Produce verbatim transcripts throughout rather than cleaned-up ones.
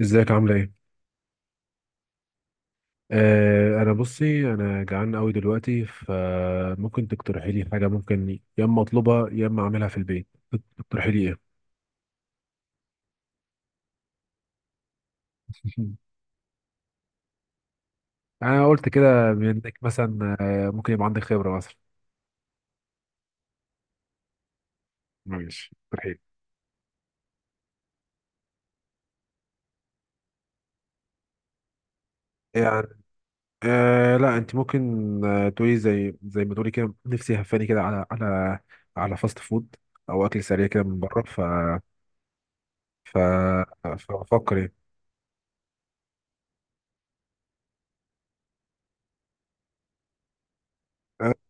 ازيك عاملة ايه؟ آه انا بصي، انا جعان قوي دلوقتي، فممكن تقترحي لي حاجة، ممكن يا اما اطلبها يا اما اعملها في البيت. تقترحي لي ايه؟ انا قلت كده منك مثلا آه ممكن يبقى عندك خبرة مثلا. ماشي، اقترحي لي. يعني آه لا، انت ممكن. آه تقولي زي زي ما تقولي كده، نفسي هفاني كده على على على فاست فود او اكل سريع كده من بره. ف ف فبفكر ايه.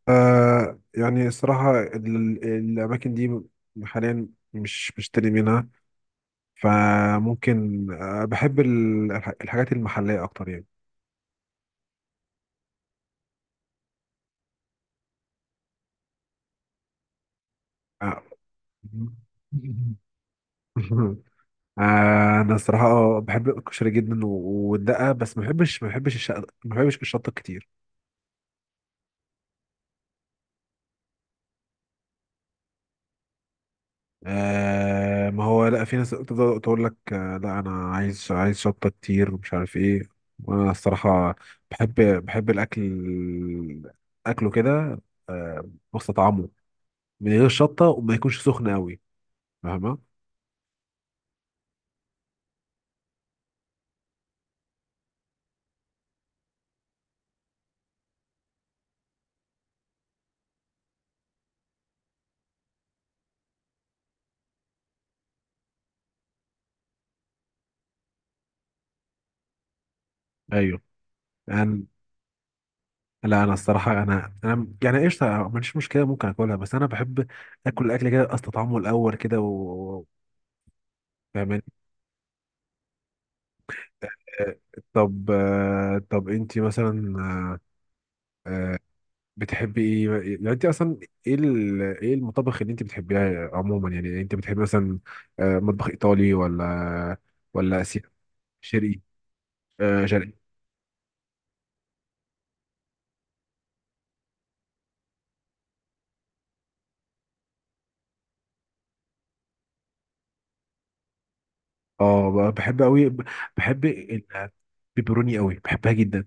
آه يعني الصراحة، ال- الأماكن دي حاليا مش بشتري منها، فممكن، آه بحب ال- الح- الحاجات المحلية أكتر يعني. آه. آه، أنا الصراحة بحب الكشري جدا و- والدقة، بس ما بحبش ما بحبش الشط ما بحبش الشطة كتير. آه، ما هو لا، في ناس تفضل تقول لك آه لا، انا عايز عايز شطه كتير، ومش عارف ايه. وانا الصراحه بحب بحب الاكل، اكله كده، آه واستطعمه من غير شطه، وما يكونش سخن قوي، فاهمه؟ ايوه يعني، لا، انا الصراحه انا انا يعني ايش ما عنديش مشكله، ممكن اكلها، بس انا بحب اكل الاكل كده، استطعمه الاول كده و و- فاهماني؟ آه، طب، آه، طب انتي مثلا، آه، آه، بتحبي ايه؟ يعني انت اصلا، ايه ال- ايه المطابخ اللي انت بتحبيها عموما؟ يعني انت بتحبي مثلا آه، مطبخ ايطالي، ولا ولا اسيوي؟ شرقي؟ آه، شرقي. اه، ب- بحب قوي. بحب البيبروني قوي، بحبها جدا.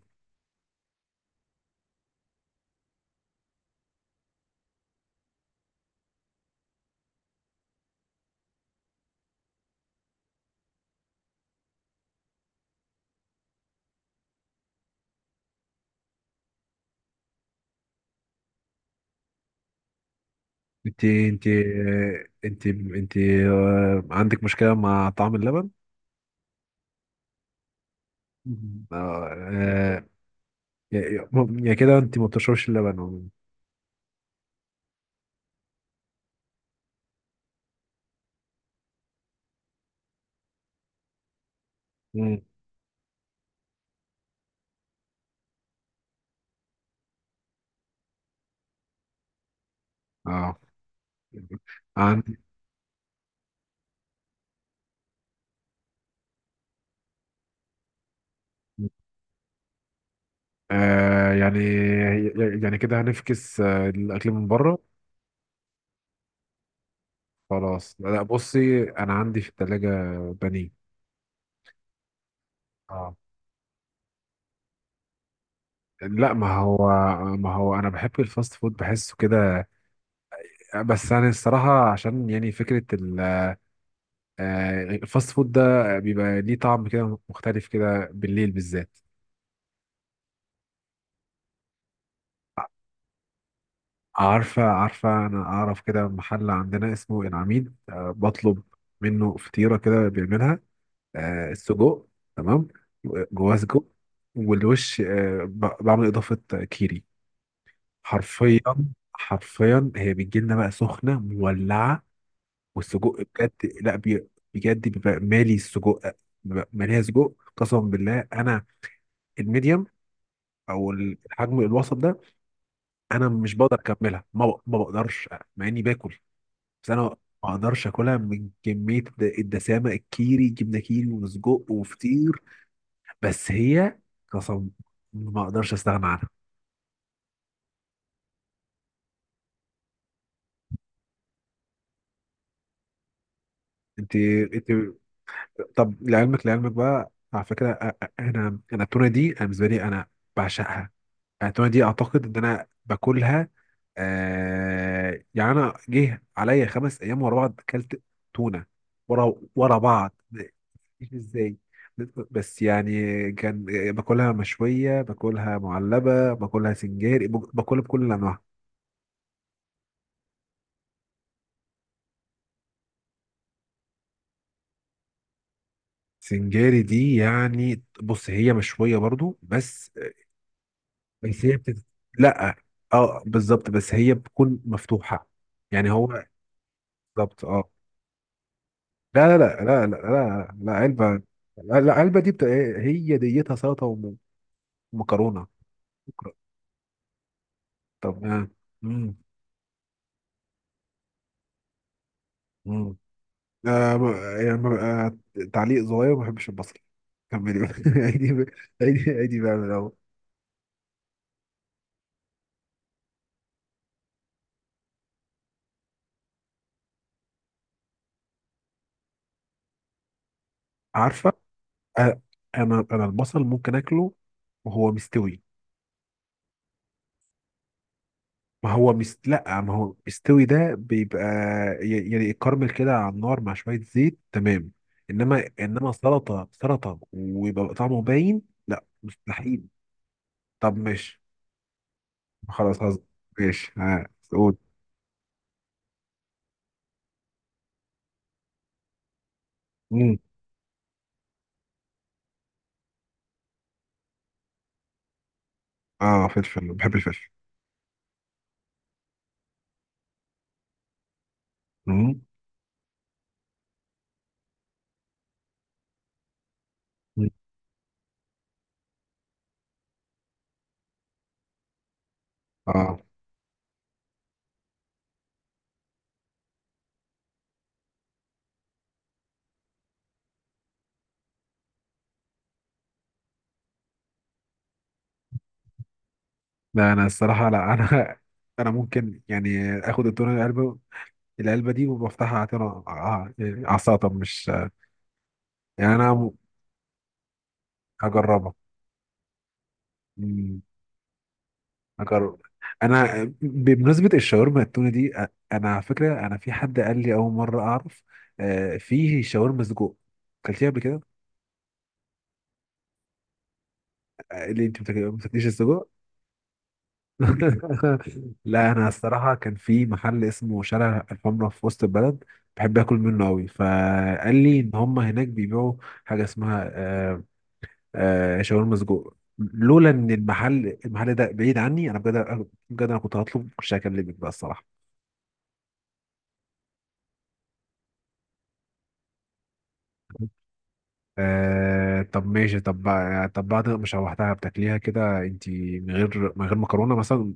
انت انت، آه، انت انت، آه، عندك مشكلة مع طعم اللبن؟ مم. اه. آه، يا يا- يا كده انت ما بتشربش اللبن؟ مم. اه، عندي. آه يعني، يعني كده هنفكس آه الأكل من بره. خلاص، لا، بصي، أنا عندي في التلاجة بانيه. اه، لا، ما هو، ما هو أنا بحب الفاست فود، بحسه كده. بس أنا الصراحة، عشان يعني فكرة ال- آه، الفاست فود ده بيبقى ليه طعم كده مختلف كده بالليل بالذات. عارفة، عارفة، أنا أعرف كده محل عندنا اسمه العميد. آه، بطلب منه فطيرة كده، بيعملها آه، السجق، تمام. جواه سجق والوش. آه، ب- بعمل اضافه كيري. حرفيا. حرفيا هي بتجي لنا بقى سخنه مولعه، والسجق بجد. لا بي- بجد بيبقى مالي السجق، بيبقى ماليها سجق، قسما بالله. انا الميديم او الحجم الوسط ده، انا مش بقدر اكملها، ما ب- ما بقدرش مع اني باكل. بس انا ما اقدرش اكلها من كميه الد- الدسامه، الكيري، جبنه كيري وسجق وفطير. بس هي، قسم، ما اقدرش استغنى عنها. انت انت طب، لعلمك، لعلمك بقى على فكره، أ- أ- انا انا التونه دي، انا بالنسبه لي انا بعشقها. أنا التونه دي اعتقد ان انا باكلها. آه يعني، انا جه عليا خمس ايام ورا بعض اكلت تونه، ورا ورا بعض، مش ازاي. بس يعني، كان باكلها مشويه، باكلها معلبه، باكلها سنجاري، باكلها بكل انواعها. سنجاري دي يعني، بص، هي مشوية برضو، بس بس هي بتت... لا، اه بالظبط، بس هي بتكون مفتوحة. يعني هو، بالظبط، اه. لا، لا، لا، لا، لا، لا، لا، علبة. لا لا علبة دي بت...، هي ديتها سلطة وم- ومكرونة. شكرا. طب، آه. مم. مم. آه، ب- يعني ب- آه تعليق صغير، ما بحبش البصل. كملي بقى. عيدي بقى- عيدي، عيدي بقى من الأول. عارفة. آه، أنا أنا البصل ممكن آكله وهو مستوي. ما هو بيست... لا، ما هو بيستوي ده بيبقى ي- يعني كارمل كده على النار مع شوية زيت، تمام. انما، انما سلطة سلطة، ويبقى طعمه باين، لا، مستحيل. طب، ماشي. خلاص هز... ماشي، ها سعود. مم. اه، فلفل، بحب الفلفل. مم. مم. اه، لا، انا الصراحة، لا، انا انا ممكن يعني اخد التونة، العلبة، العلبة دي، وبفتحها على على على السلطة، مش يعني. انا هجربها. مم. اجرب. انا بمناسبه الشاورما التونه دي، أ- انا على فكره، انا في حد قال لي اول مره اعرف آه، فيه شاورما سجق. اكلتيها قبل كده؟ آه، اللي انت بتاك- ما بتاكليش السجق. لا، انا الصراحه، كان في محل اسمه شارع الحمراء في وسط البلد، بحب اكل منه قوي. فقال لي ان هم هناك بيبيعوا حاجه اسمها آه، آه، شاورما سجق. لولا ان المحل المحل ده بعيد عني، انا بجد، بجد، انا كنت هطلب مش هكلمك بقى الصراحه. آه، طب ماشي. طب بع- طب بعد ما شوحتها، بتاكليها كده انت من غير، من غير مكرونه مثلا؟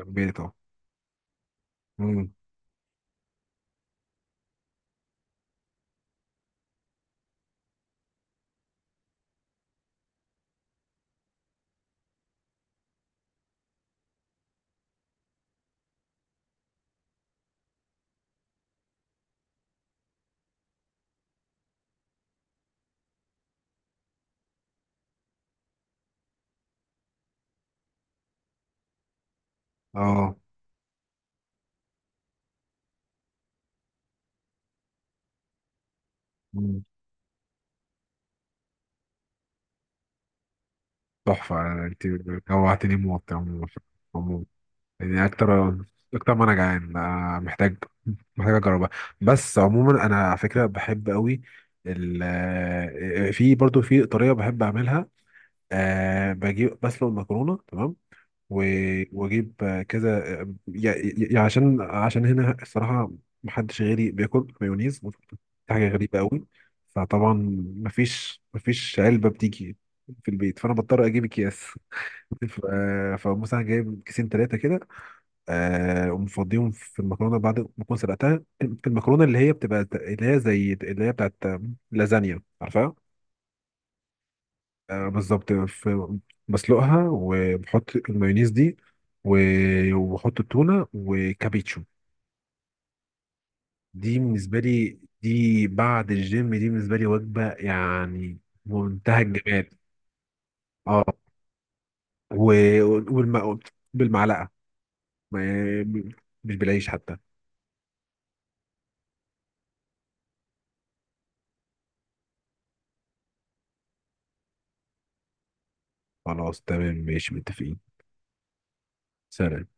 جنبيت، اه. مم. اه. مم. تحفه. انت جوعتني موت يا عمو- عمو. يعني اكتر، اكتر ما انا جعان، آه، محتاج محتاج اجربها. بس عموما انا على فكره بحب قوي ال آه، في، برضو في طريقه بحب اعملها. أه، بجيب، بسلق المكرونه، تمام. و- واجيب كذا يعني. يعني عشان، عشان هنا الصراحه محدش غيري بياكل مايونيز، ودي حاجه غريبه قوي. فطبعا مفيش مفيش علبه بتيجي في البيت، فانا بضطر اجيب اكياس. ف- فمثلا جايب كيسين، ثلاثه كده، آه، ومفضيهم في المكرونه بعد ما اكون سلقتها. المكرونه اللي هي بتبقى اللي هي زي اللي هي بتاعت لازانيا، عارفها؟ آه، بالظبط. في- بسلقها وبحط المايونيز دي، و- وبحط التونة، وكابيتشو. دي بالنسبة لي، دي بعد الجيم، دي بالنسبة لي وجبة يعني، منتهى الجمال. اه. و- والم... بالمعلقة، ما- مش بالعيش حتى. خلاص، تمام، ماشي، متفقين. سلام.